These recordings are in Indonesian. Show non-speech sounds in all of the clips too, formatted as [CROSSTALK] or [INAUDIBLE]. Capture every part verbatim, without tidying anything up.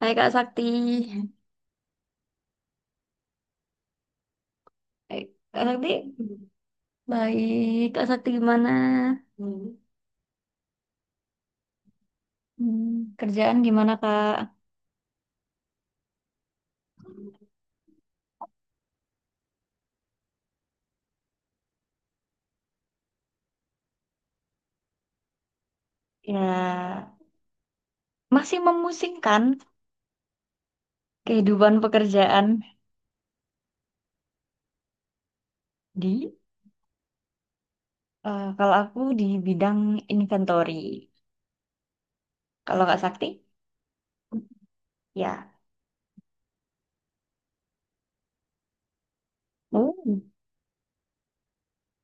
Hai Kak Sakti. Eh, Kak Sakti. Baik, Kak Sakti gimana? hmm, kerjaan gimana Kak? Ya, masih memusingkan kehidupan pekerjaan. Di Eh, kalau aku di bidang inventory, kalau Kak Sakti, ya. Oh,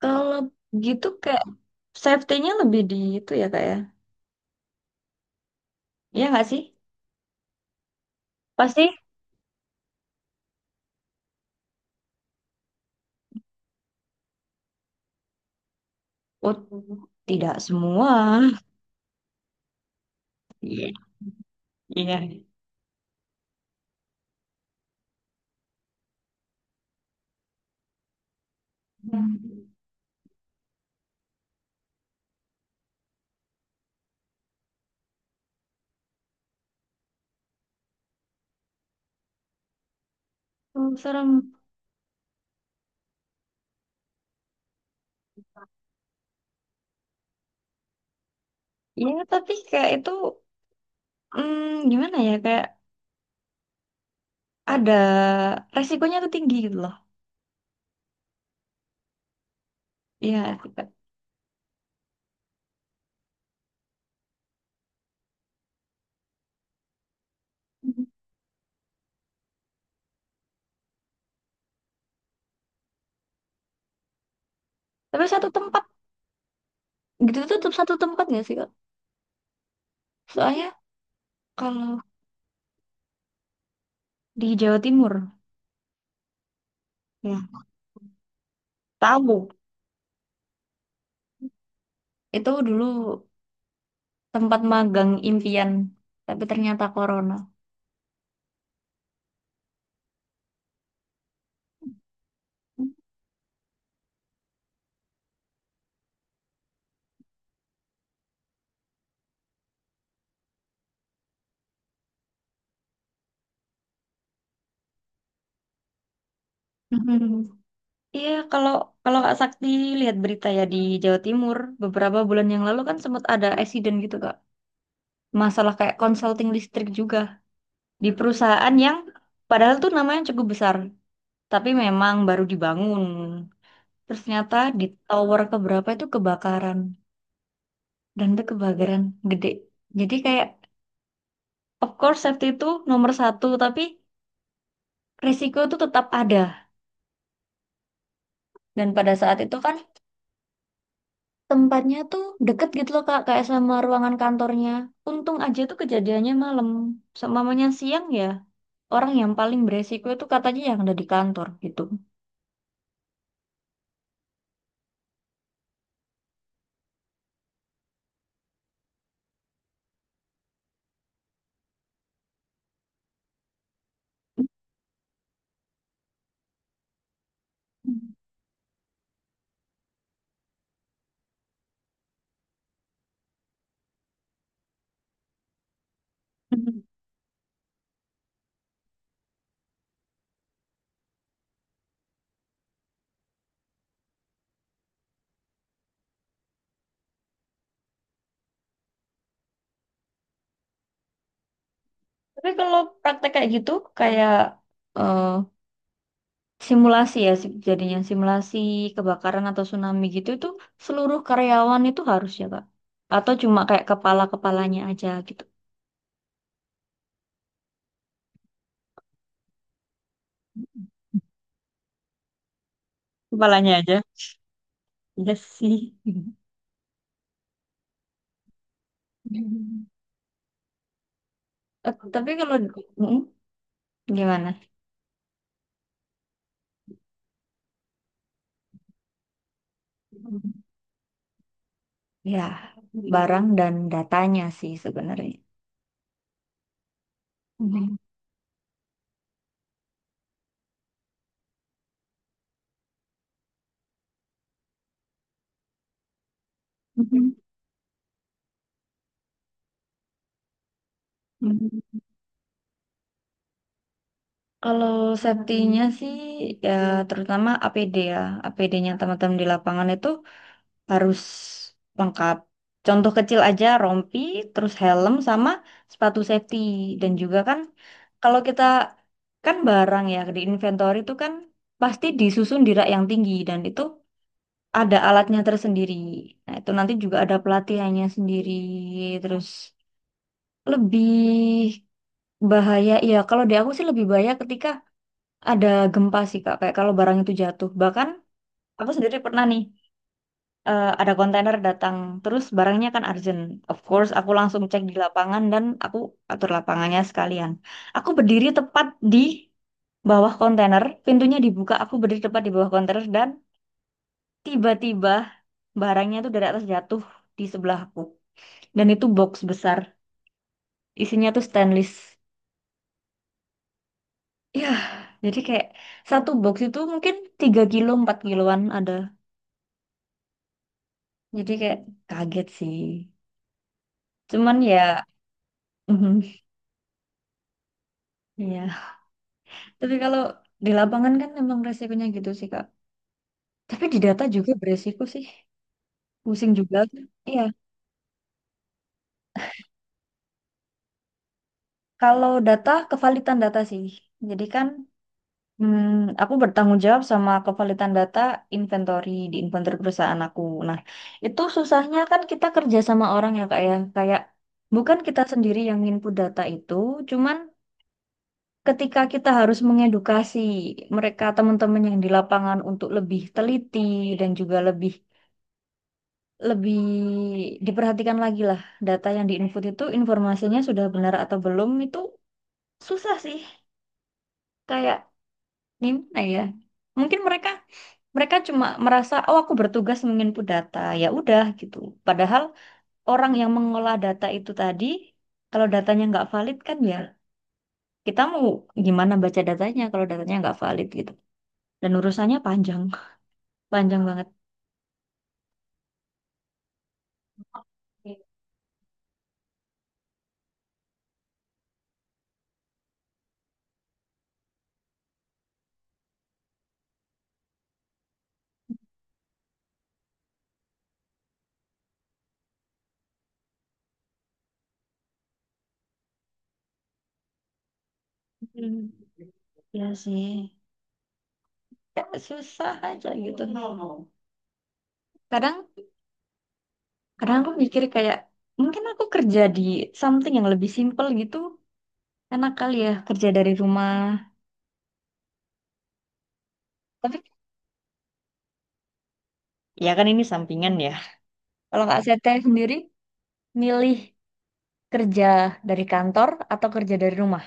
kalau gitu kayak safety-nya lebih di itu ya Kak ya. iya nggak sih? Pasti. Oh, tidak semua. [LAUGHS] Iya. Iya. Oh, serem. Ya, tapi kayak itu mm, gimana ya kayak ada resikonya tuh tinggi gitu loh. Iya, Kak. Mhm. Tapi satu tempat gitu itu tetap satu tempat nggak sih, Kak? Soalnya kalau di Jawa Timur, ya, tahu itu dulu tempat magang impian, tapi ternyata corona. [LAUGHS] Mhm. Iya, kalau kalau Kak Sakti lihat berita ya di Jawa Timur beberapa bulan yang lalu kan sempat ada accident gitu, Kak. Masalah kayak konsulting listrik juga, di perusahaan yang padahal tuh namanya cukup besar, tapi memang baru dibangun. Terus ternyata di tower keberapa itu kebakaran dan itu kebakaran gede. Jadi kayak of course safety itu nomor satu, tapi resiko itu tetap ada. Dan pada saat itu kan tempatnya tuh deket gitu loh Kak, kayak sama ruangan kantornya. Untung aja tuh kejadiannya malam. Seumpamanya siang ya, orang yang paling beresiko itu katanya yang ada di kantor gitu. [LAUGHS] Tapi kalau praktek kayak gitu, kayak eh, simulasi ya, si- jadinya simulasi kebakaran atau tsunami gitu, itu seluruh karyawan itu harus ya, Kak? Atau cuma kayak kepala-kepalanya aja gitu? Kepalanya aja. Iya sih. [LAUGHS] Eh, tapi kalau Mm, gimana? Ya, barang dan datanya sih sebenarnya. Mhm. Mhm. Kalau safety-nya sih ya terutama A P D ya. A P D-nya teman-teman di lapangan itu harus lengkap. Contoh kecil aja rompi, terus helm sama sepatu safety, dan juga kan kalau kita kan barang ya di inventory itu kan pasti disusun di rak yang tinggi dan itu ada alatnya tersendiri. Nah, itu nanti juga ada pelatihannya sendiri. Terus lebih bahaya ya, kalau di aku sih lebih bahaya ketika ada gempa sih Kak, kayak kalau barang itu jatuh. Bahkan aku sendiri pernah nih, eh, ada kontainer datang terus barangnya kan urgent. Of course aku langsung cek di lapangan dan aku atur lapangannya sekalian. Aku berdiri tepat di bawah kontainer, pintunya dibuka, aku berdiri tepat di bawah kontainer dan tiba-tiba barangnya tuh dari atas jatuh di sebelahku. Dan itu box besar, isinya tuh stainless. Ya, jadi kayak satu box itu mungkin tiga kilo, empat kiloan ada. Jadi kayak kaget sih. Cuman ya. [LAUGHS] Iya. Tapi kalau di lapangan kan memang resikonya gitu sih, Kak. Tapi di data juga beresiko sih. Pusing juga. Iya, kalau data, kevalitan data sih. Jadi kan hmm, aku bertanggung jawab sama kevalitan data inventory di inventory perusahaan aku. Nah, itu susahnya kan kita kerja sama orang ya, Kak ya. Kayak bukan kita sendiri yang input data itu, cuman ketika kita harus mengedukasi mereka teman-teman yang di lapangan untuk lebih teliti dan juga lebih lebih diperhatikan lagi lah, data yang diinput itu informasinya sudah benar atau belum, itu susah sih, kayak gimana ya, mungkin mereka mereka cuma merasa oh aku bertugas menginput data ya udah gitu, padahal orang yang mengolah data itu tadi, kalau datanya nggak valid kan ya, kita mau gimana baca datanya kalau datanya nggak valid gitu, dan urusannya panjang, panjang banget. Hmm, ya sih. Ya, susah aja gitu kadang. Kadang aku mikir kayak mungkin aku kerja di something yang lebih simple gitu. Enak kali ya kerja dari rumah. Tapi ya kan ini sampingan ya. Kalau Kak Sete sendiri milih kerja dari kantor atau kerja dari rumah?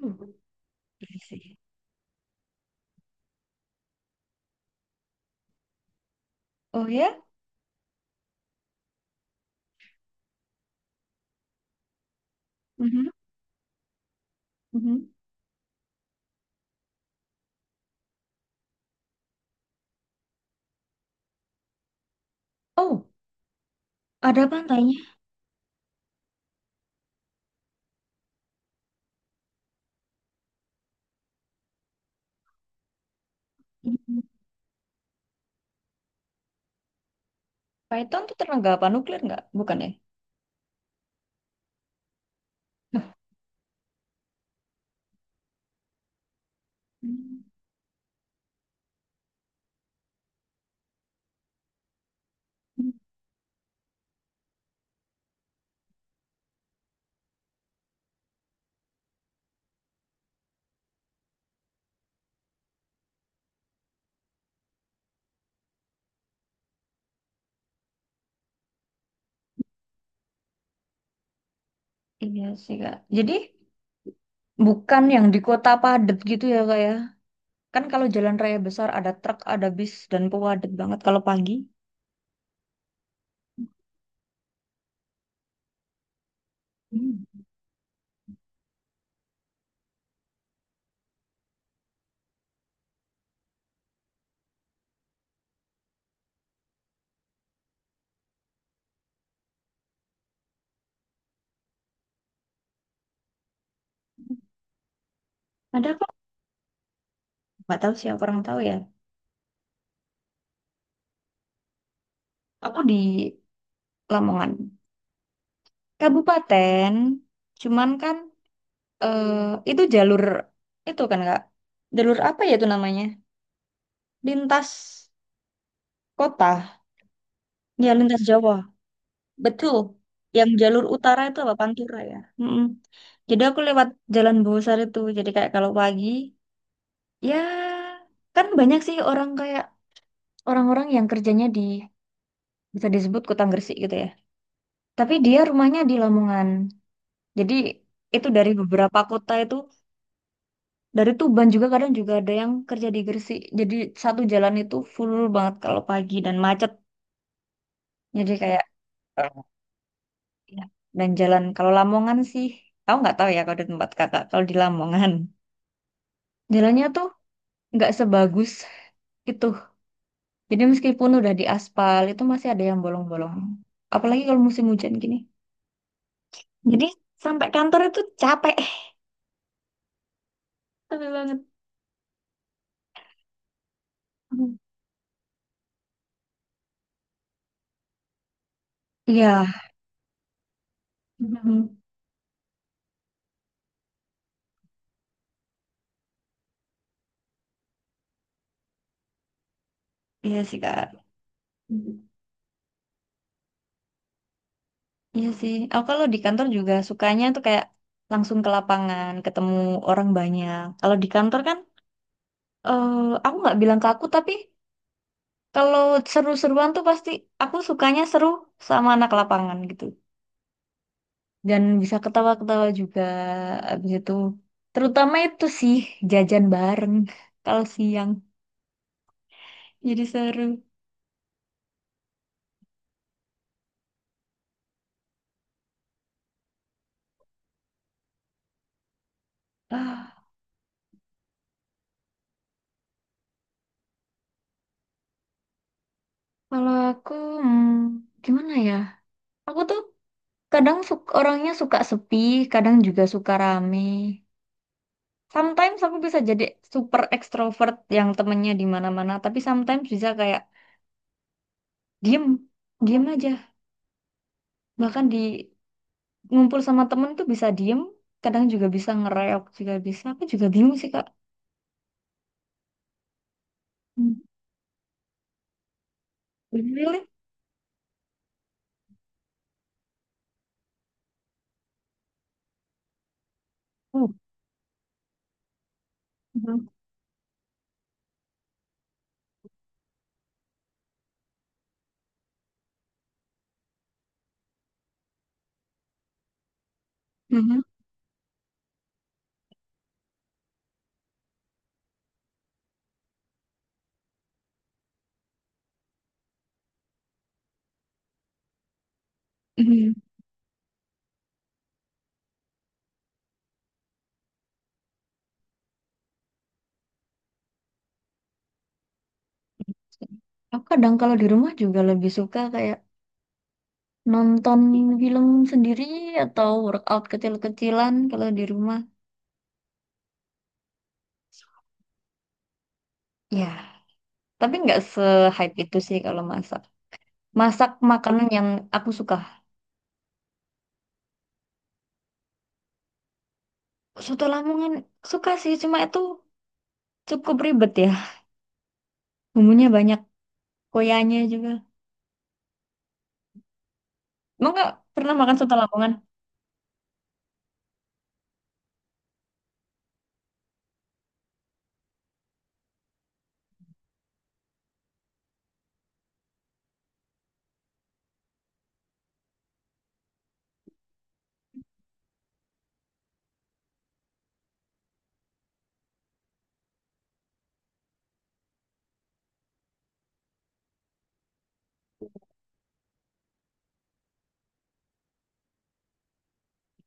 Hmm, iya sih. Oh ya? Mhm, mhm. Oh, ada pantainya. Mhm. Python tuh tenaga apa, nuklir nggak? Bukan ya? Hmm. Iya sih, Kak. Jadi bukan yang di kota padat gitu ya, Kak ya? Kan kalau jalan raya besar ada truk, ada bis, dan padat banget kalau pagi. Hmm. Ada kok, nggak tahu siapa orang tahu ya. Aku di Lamongan, kabupaten. Cuman kan eh, itu jalur, itu kan kak, jalur apa ya itu namanya? Lintas kota, ya lintas Jawa, betul. Yang jalur utara itu apa Pantura ya. Mm-mm. Jadi aku lewat Jalan Bosar itu. Jadi kayak kalau pagi, ya kan banyak sih orang, kayak orang-orang yang kerjanya di bisa disebut kota Gresik gitu ya. Tapi dia rumahnya di Lamongan. Jadi itu dari beberapa kota itu, dari Tuban juga kadang juga ada yang kerja di Gresik. Jadi satu jalan itu full banget kalau pagi dan macet. Jadi kayak eh, ya. Dan jalan kalau Lamongan sih, aku nggak tahu ya kalau di tempat kakak. Kalau di Lamongan [LAUGHS] jalannya tuh nggak sebagus itu. Jadi meskipun udah di aspal itu masih ada yang bolong-bolong. Apalagi kalau musim hujan gini. Jadi sampai kantor itu capek. [LAUGHS] Capek banget. Mhm. Iya. Mhm. Iya sih, Kak. Mhm. Iya sih. Aku kalau di kantor juga sukanya tuh kayak langsung ke lapangan, ketemu orang banyak. Kalau di kantor kan, eh, aku nggak bilang ke aku, tapi kalau seru-seruan tuh pasti aku sukanya seru sama anak lapangan gitu. Dan bisa ketawa-ketawa juga abis itu. Terutama itu sih jajan bareng [LAUGHS] kalau siang. Jadi seru. Ah. Kalau aku, hmm, gimana ya? Aku tuh kadang suk- orangnya suka sepi, kadang juga suka rame. Sometimes aku bisa jadi super extrovert yang temennya di mana-mana, tapi sometimes bisa kayak diem, diem aja. Bahkan di ngumpul sama temen tuh bisa diem, kadang juga bisa ngereok juga bisa. Aku juga bingung sih, Kak. Hmm, really? Oh. Mhm. Mhm. Mhm. Aku kadang kalau di rumah juga lebih suka kayak nonton film sendiri atau workout kecil-kecilan kalau di rumah. Ya. Tapi nggak se-hype itu sih kalau masak. Masak makanan yang aku suka. Soto Lamongan suka sih, cuma itu cukup ribet ya. Bumbunya banyak, koyanya juga. Emang nggak pernah makan soto Lamongan?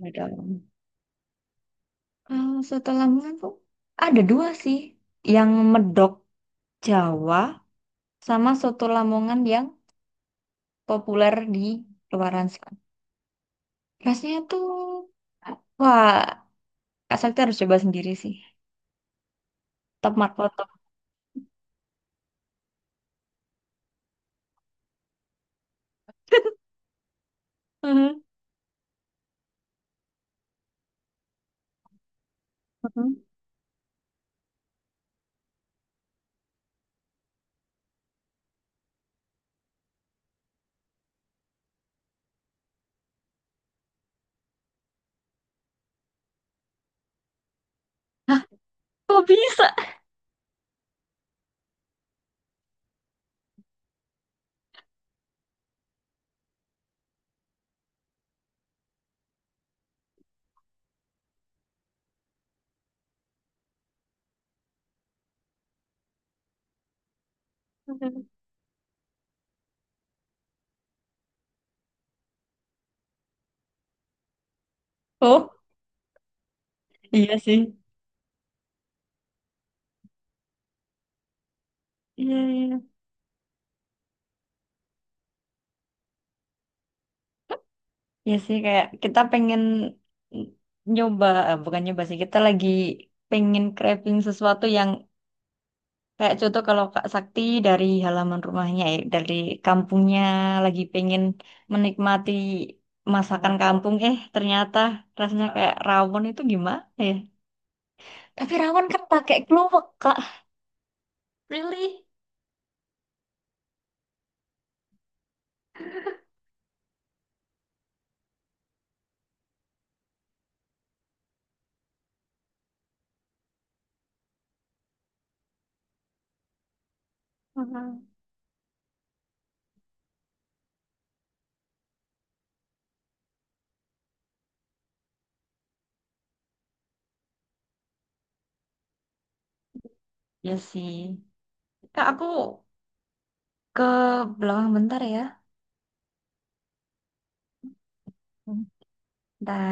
Nggak. Kalau soto Lamongan tuh ada dua sih. Yang medok Jawa sama soto Lamongan yang populer di luaran sana. Rasanya tuh, wah, Kak Sakti harus coba sendiri sih. Top markotop. Mhm. Mhm. Hah, kok bisa? Oh, iya sih. Iya, iya. Iya sih, kayak kita pengen nyoba, eh, bukan nyoba sih, kita lagi pengen craving sesuatu yang kayak contoh kalau Kak Sakti dari halaman rumahnya, ya, dari kampungnya lagi pengen menikmati masakan kampung, eh ternyata rasanya kayak rawon itu gimana ya? Tapi rawon kan pakai kluwek, Kak. Really? Mhm. Iya sih. Kak, aku ke belakang bentar ya. Bentar.